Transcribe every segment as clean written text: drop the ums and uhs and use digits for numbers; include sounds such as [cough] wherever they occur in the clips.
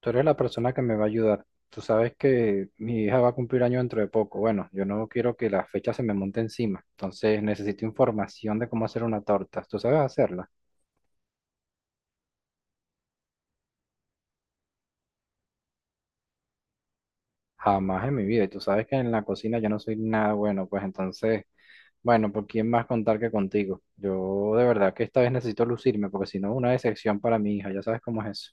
Tú eres la persona que me va a ayudar. Tú sabes que mi hija va a cumplir año dentro de poco. Bueno, yo no quiero que la fecha se me monte encima. Entonces necesito información de cómo hacer una torta. ¿Tú sabes hacerla? Jamás en mi vida. Y tú sabes que en la cocina yo no soy nada bueno. Pues entonces, bueno, ¿por quién más contar que contigo? Yo de verdad que esta vez necesito lucirme porque si no es una decepción para mi hija. Ya sabes cómo es eso.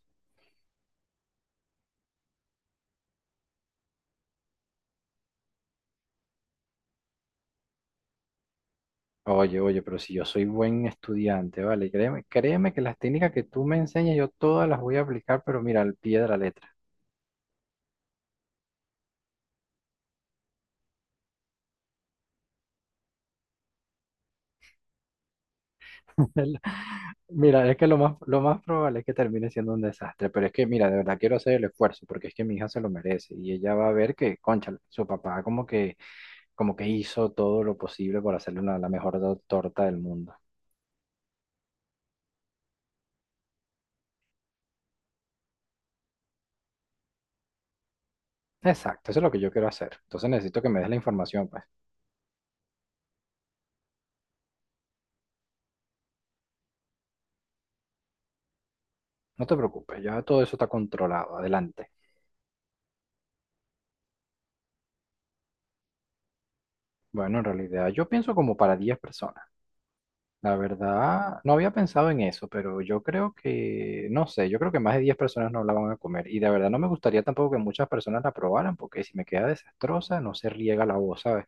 Oye, oye, pero si yo soy buen estudiante, vale, créeme, créeme que las técnicas que tú me enseñas yo todas las voy a aplicar, pero mira, al pie de la letra. [laughs] El- Mira, es que lo más probable es que termine siendo un desastre, pero es que, mira, de verdad quiero hacer el esfuerzo porque es que mi hija se lo merece y ella va a ver que, concha, su papá como que hizo todo lo posible por hacerle la mejor torta del mundo. Exacto, eso es lo que yo quiero hacer. Entonces necesito que me des la información, pues. No te preocupes, ya todo eso está controlado. Adelante. Bueno, en realidad yo pienso como para 10 personas. La verdad, no había pensado en eso, pero yo creo que, no sé, yo creo que más de 10 personas no la van a comer. Y de verdad no me gustaría tampoco que muchas personas la probaran, porque si me queda desastrosa, no se riega la voz, ¿sabes?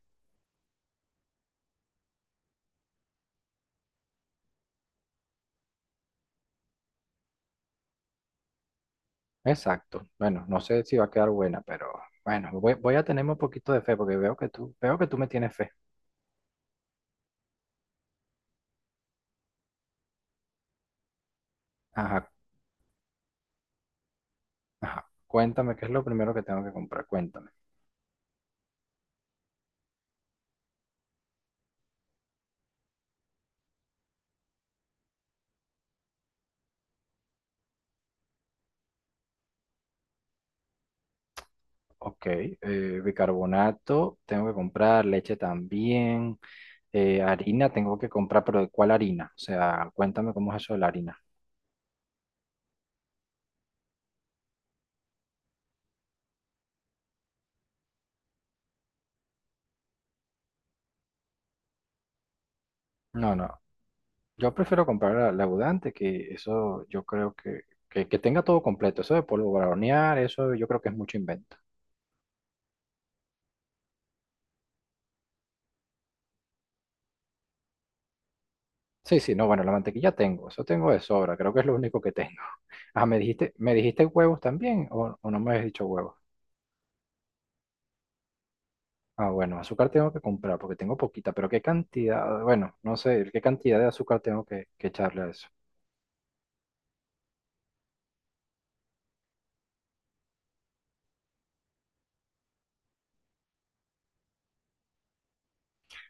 Exacto. Bueno, no sé si va a quedar buena, pero bueno, voy a tenerme un poquito de fe, porque veo que tú me tienes fe. Ajá, ajá. Cuéntame, ¿qué es lo primero que tengo que comprar? Cuéntame. Ok, bicarbonato, tengo que comprar leche también. Harina tengo que comprar, pero ¿de cuál harina? O sea, cuéntame cómo es eso de la harina. No, no. Yo prefiero comprar la abundante, que eso yo creo que tenga todo completo. Eso de polvo para hornear, eso yo creo que es mucho invento. Sí, sí, no, bueno, la mantequilla tengo, eso tengo de sobra, creo que es lo único que tengo. [laughs] Ah, ¿me dijiste huevos también o no me has dicho huevos? Ah, bueno, azúcar tengo que comprar porque tengo poquita, pero ¿qué cantidad? Bueno, no sé, ¿qué cantidad de azúcar tengo que echarle a eso?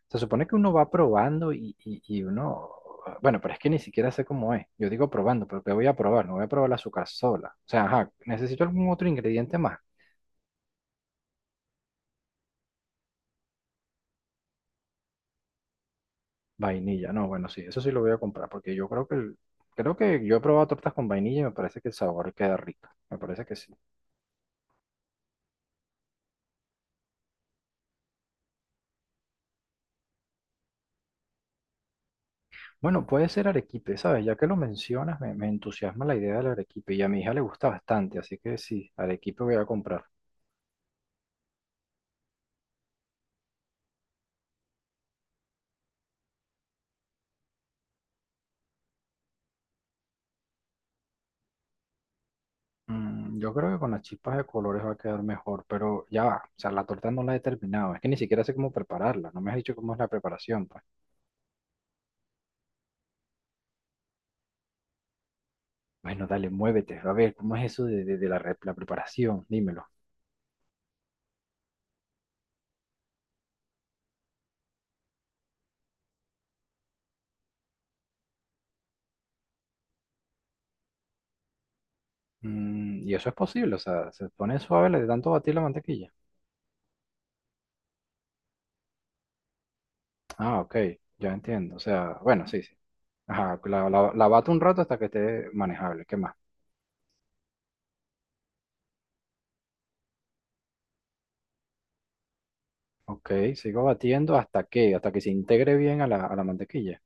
Se supone que uno va probando y uno, bueno, pero es que ni siquiera sé cómo es. Yo digo probando, pero ¿qué voy a probar? No voy a probar el azúcar sola. O sea, ajá, necesito algún otro ingrediente más. Vainilla, no, bueno, sí, eso sí lo voy a comprar, porque yo creo que, creo que yo he probado tortas con vainilla y me parece que el sabor queda rico. Me parece que sí. Bueno, puede ser arequipe, ¿sabes? Ya que lo mencionas, me entusiasma la idea del arequipe y a mi hija le gusta bastante, así que sí, arequipe voy a comprar. Mm, yo creo que con las chispas de colores va a quedar mejor, pero ya va. O sea, la torta no la he terminado. Es que ni siquiera sé cómo prepararla. No me has dicho cómo es la preparación, pues. Bueno, dale, muévete. A ver, ¿cómo es eso de la, la preparación? Dímelo. Mm, y eso es posible, o sea, se pone suave le de tanto batir la mantequilla. Ah, ok, ya entiendo. O sea, bueno, sí, sí. Ajá, la bato un rato hasta que esté manejable. ¿Qué más? Ok, sigo batiendo hasta que se integre bien a la mantequilla.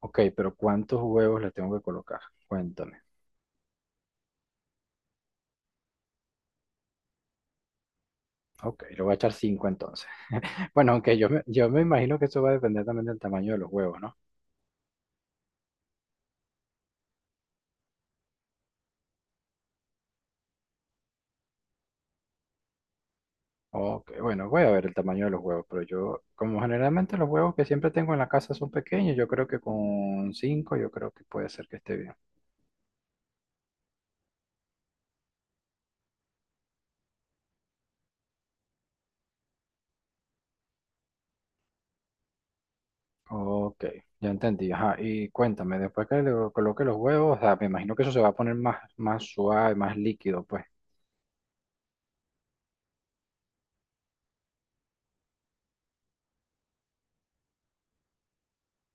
Ok, pero ¿cuántos huevos le tengo que colocar? Cuéntame. Ok, le voy a echar 5 entonces. [laughs] Bueno, aunque yo me imagino que eso va a depender también del tamaño de los huevos, ¿no? Ok, bueno, voy a ver el tamaño de los huevos, pero yo, como generalmente los huevos que siempre tengo en la casa son pequeños, yo creo que con 5 yo creo que puede ser que esté bien. Ok, ya entendí. Ajá, y cuéntame, después que le coloque los huevos, o sea, me imagino que eso se va a poner más, más suave, más líquido, pues.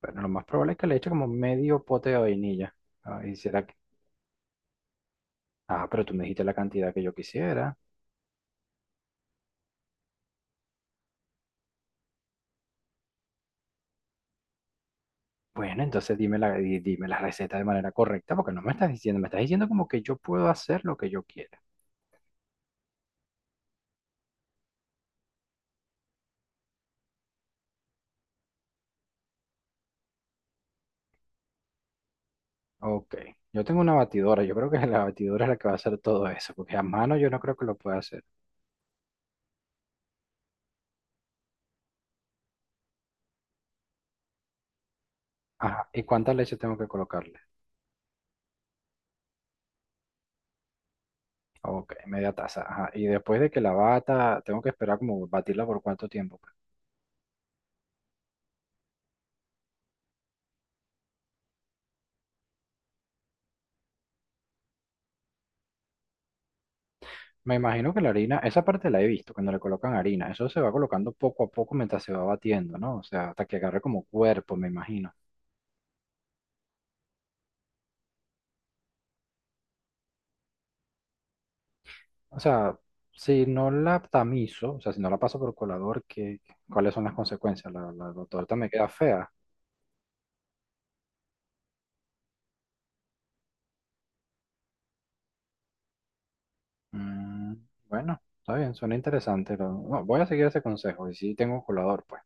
Bueno, lo más probable es que le eche como medio pote de vainilla. Ah, y será que... Ah, pero tú me dijiste la cantidad que yo quisiera. Bueno, entonces dime la receta de manera correcta, porque no me estás diciendo, me estás diciendo como que yo puedo hacer lo que yo quiera. Ok, yo tengo una batidora, yo creo que [laughs] la batidora es la que va a hacer todo eso, porque a mano yo no creo que lo pueda hacer. Ajá, ¿y cuánta leche tengo que colocarle? Ok, media taza, ajá. Y después de que la bata, tengo que esperar como batirla por cuánto tiempo, pues. Me imagino que la harina, esa parte la he visto, cuando le colocan harina, eso se va colocando poco a poco mientras se va batiendo, ¿no? O sea, hasta que agarre como cuerpo, me imagino. O sea, si no la tamizo, o sea, si no la paso por colador, cuáles son las consecuencias? ¿La torta me queda fea? Mm, bueno, está bien, suena interesante. No voy a seguir ese consejo y si tengo colador, pues.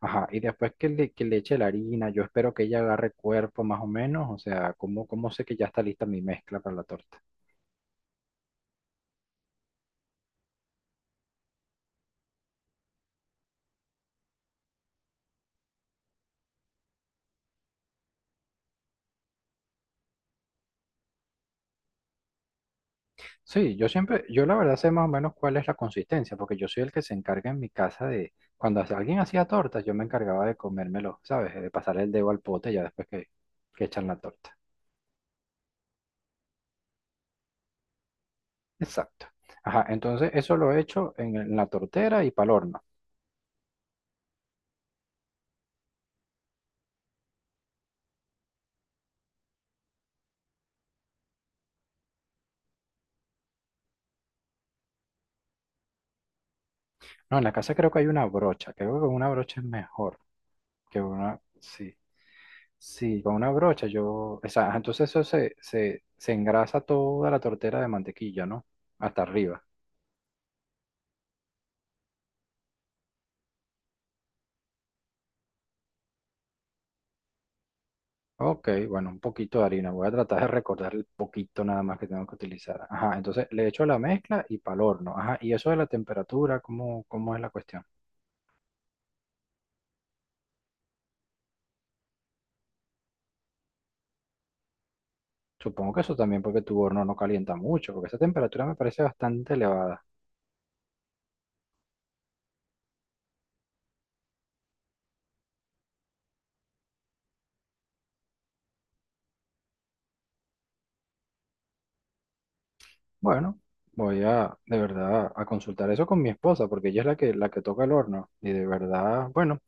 Ajá, y después que le, eche la harina, yo espero que ella agarre cuerpo más o menos, o sea, ¿cómo sé que ya está lista mi mezcla para la torta? Sí, yo siempre, yo la verdad sé más o menos cuál es la consistencia, porque yo soy el que se encarga en mi casa de, cuando alguien hacía tortas, yo me encargaba de comérmelo, ¿sabes? De pasar el dedo al pote ya después que echan la torta. Exacto. Ajá, entonces eso lo he hecho en la tortera y pal horno. No, en la casa creo que hay una brocha, creo que con una brocha es mejor que una, sí, sí, con una brocha yo, o sea, entonces eso se engrasa toda la tortera de mantequilla, ¿no? Hasta arriba. Ok, bueno, un poquito de harina. Voy a tratar de recordar el poquito nada más que tengo que utilizar. Ajá, entonces le echo la mezcla y para el horno. Ajá, y eso de la temperatura, ¿cómo es la cuestión? Supongo que eso también porque tu horno no calienta mucho, porque esa temperatura me parece bastante elevada. Bueno, voy a de verdad a consultar eso con mi esposa, porque ella es la que toca el horno. Y de verdad, bueno,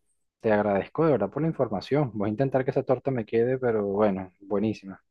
te agradezco de verdad por la información. Voy a intentar que esa torta me quede, pero bueno, buenísima.